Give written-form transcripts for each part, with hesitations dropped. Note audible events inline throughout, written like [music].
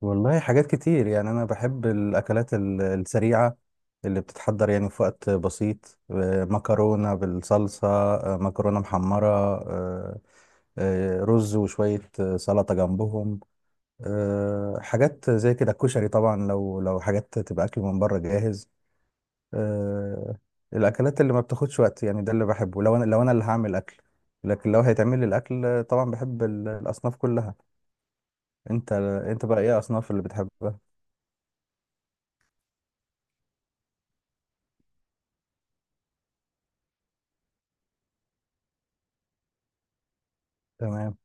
والله حاجات كتير، يعني أنا بحب الأكلات السريعة اللي بتتحضر يعني في وقت بسيط. مكرونة بالصلصة، مكرونة محمرة، رز وشوية، سلطة جنبهم، حاجات زي كده، الكشري. طبعا لو حاجات تبقى أكل من بره جاهز، آه، الأكلات اللي ما بتاخدش وقت، يعني ده اللي بحبه لو أنا، لو أنا اللي هعمل أكل. لكن لو هيتعمل لي الأكل، طبعا بحب الأصناف كلها. أنت، أنت بقى إيه أصناف اللي بتحبها؟ تمام.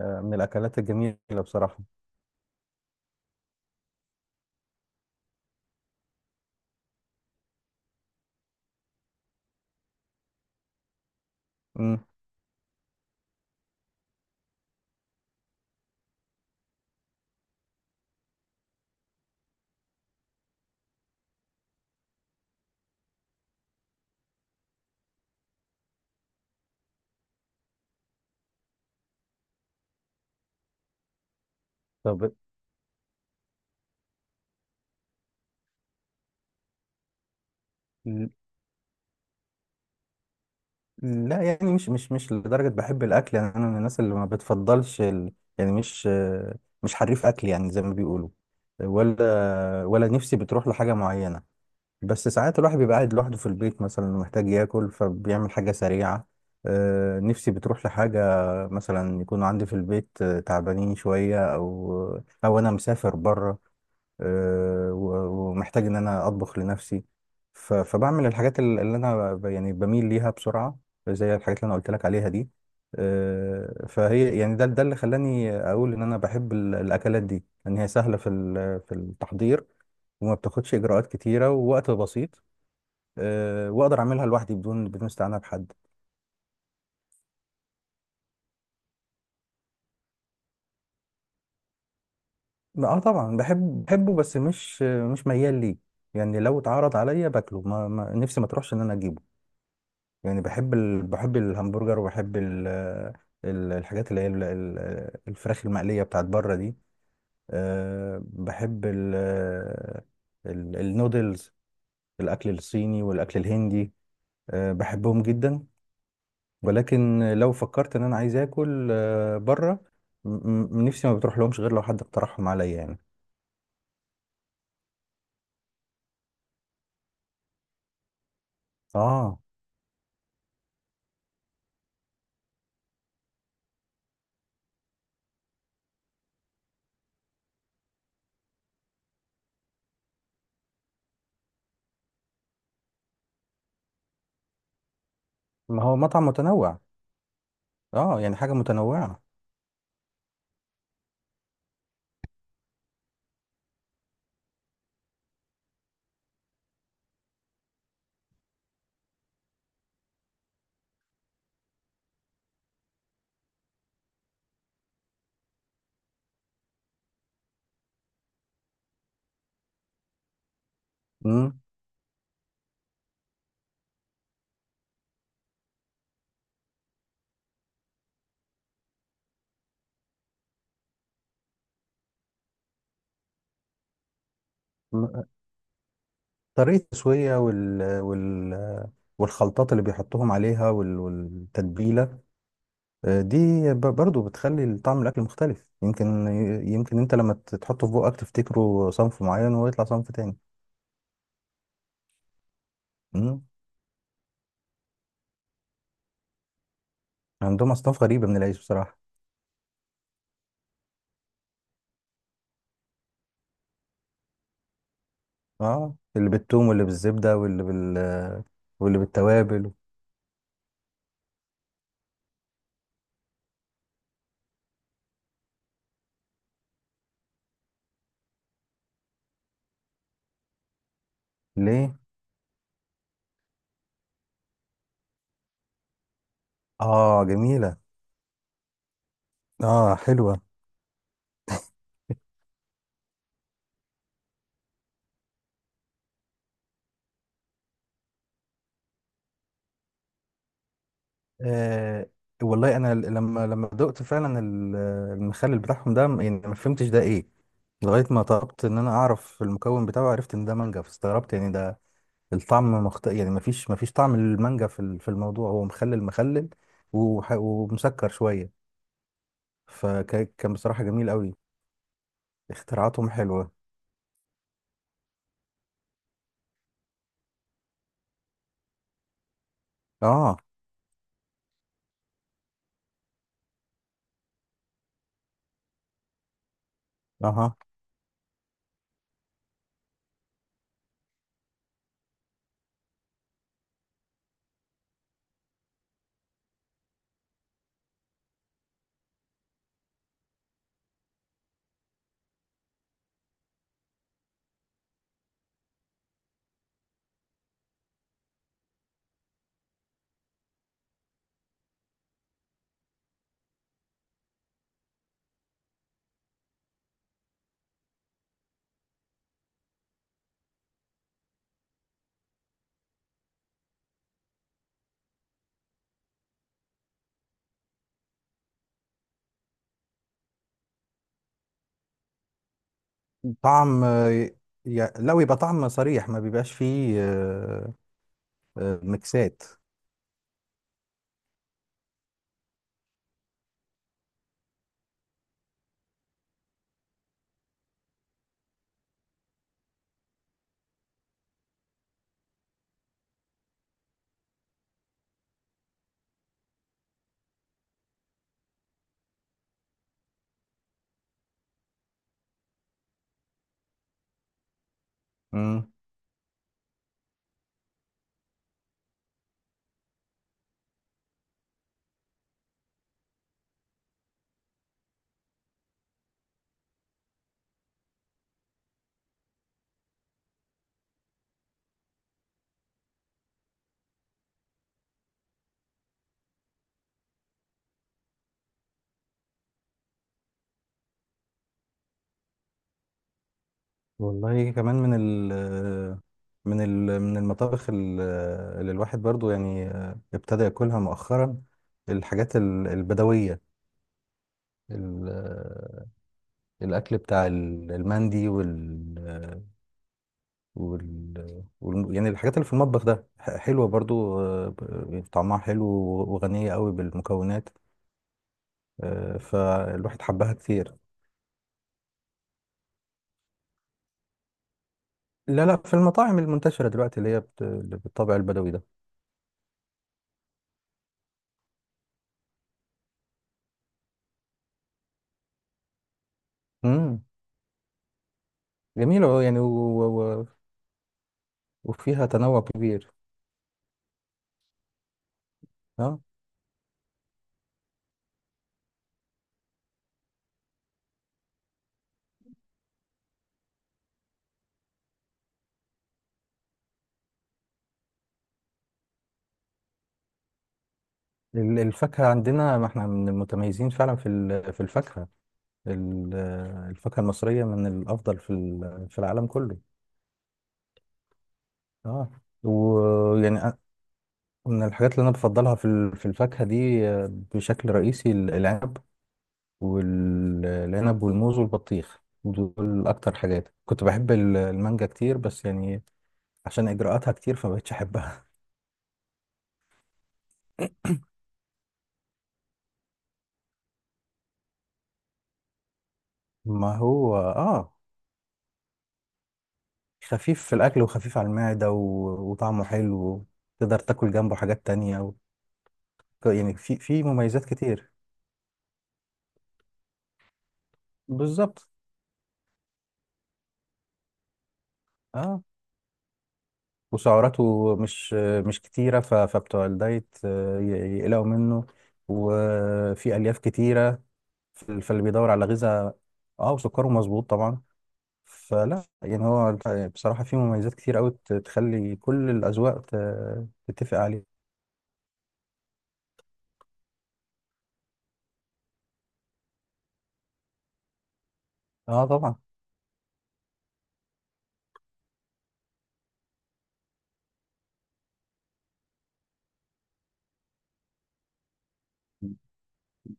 من الأكلات الجميلة بصراحة. مم. طب، ل- لا، يعني مش لدرجة بحب الأكل. يعني أنا من الناس اللي ما بتفضلش يعني مش حريف أكل، يعني زي ما بيقولوا. ولا نفسي بتروح لحاجة معينة، بس ساعات الواحد بيبقى قاعد لوحده في البيت مثلا، محتاج ياكل فبيعمل حاجة سريعة. نفسي بتروح لحاجة، مثلا يكون عندي في البيت، تعبانين شوية، أو أنا مسافر بره، ومحتاج ان انا اطبخ لنفسي. فبعمل الحاجات اللي انا يعني بميل ليها بسرعه، زي الحاجات اللي انا قلت لك عليها دي. فهي يعني ده اللي خلاني اقول ان انا بحب الاكلات دي، ان هي سهله في في التحضير وما بتاخدش اجراءات كتيره، ووقت بسيط، واقدر اعملها لوحدي بدون استعانه بحد. اه طبعا بحب، بحبه، بس مش ميال ليه. يعني لو اتعرض عليا باكله، نفسي ما تروحش ان انا اجيبه. يعني بحب بحب الهمبرجر، وبحب ال- ال- الحاجات اللي هي الفراخ المقلية بتاعت بره دي. أه بحب النودلز، الأكل الصيني والأكل الهندي. أه بحبهم جدا. ولكن لو فكرت إن أنا عايز آكل أه بره، م- نفسي ما بتروح لهمش غير لو حد اقترحهم عليا يعني. آه، ما هو مطعم متنوع. آه، يعني حاجة متنوعة. مم. طريقة التسوية والخلطات اللي بيحطوهم عليها والتتبيلة دي، برضو بتخلي طعم الأكل مختلف. يمكن، يمكن أنت لما تحطه في بقك تفتكره صنف معين ويطلع صنف تاني. مم. عندهم أصناف غريبة من العيش بصراحة. اه، اللي بالثوم، واللي بالزبدة، واللي بالتوابل. ليه؟ اه جميلة. اه حلوة. آه. والله انا لما، لما دقت فعلا المخلل بتاعهم ده، يعني ما فهمتش ده ايه، لغاية ما طلبت إن أنا أعرف المكون بتاعه، عرفت إن ده مانجا فاستغربت. يعني ده الطعم يعني مفيش طعم للمانجا في في الموضوع، هو مخلل، مخلل ومسكر شوية. فكان بصراحة جميل أوي. اختراعاتهم حلوة. آه. أها. طعم لا، ويبقى طعم صريح، ما بيبقاش فيه ميكسات. إمم. والله كمان من ال، من المطابخ اللي الواحد برضو يعني ابتدى ياكلها مؤخرا، الحاجات البدوية، ال- الأكل بتاع المندي وال, وال, وال يعني الحاجات اللي في المطبخ ده، حلوة برضو، طعمها حلو وغنية قوي بالمكونات، فالواحد حبها كتير. لا، في المطاعم المنتشرة دلوقتي اللي هي بالطابع البدوي ده. مم. جميل أهو يعني، وفيها تنوع كبير. ها، الفاكهة عندنا، ما احنا من المتميزين فعلا في في الفاكهة. ال- الفاكهة المصرية من الأفضل في في العالم كله. اه. ويعني من الحاجات اللي أنا بفضلها في في الفاكهة دي، بشكل رئيسي العنب، والعنب والموز والبطيخ، دول أكتر حاجات. كنت بحب المانجا كتير، بس يعني عشان إجراءاتها كتير فمبقتش أحبها. [laughs] ما هو اه، خفيف في الأكل وخفيف على المعدة و... وطعمه حلو، تقدر تاكل جنبه حاجات تانية. و... يعني في في مميزات كتير. بالظبط. اه، وسعراته مش كتيرة، ف... فبتوع الدايت يقلقوا منه. وفي ألياف كتيرة. فاللي بيدور على غذاء، اه وسكره مظبوط طبعا. فلا يعني هو بصراحة في مميزات كتير أوي تخلي كل الأذواق تتفق عليه. اه طبعا.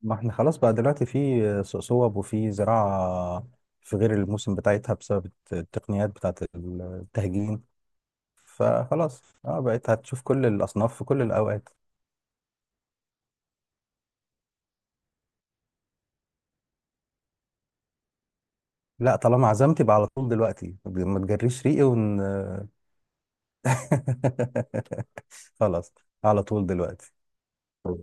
ما احنا خلاص بقى دلوقتي في سوق صوب وفي زراعة في غير الموسم بتاعتها بسبب التقنيات بتاعت التهجين. فخلاص اه بقيت هتشوف كل الأصناف في كل الأوقات. لا طالما عزمت يبقى على طول دلوقتي، ما تجريش ريقي ون [laughs] خلاص، على طول دلوقتي.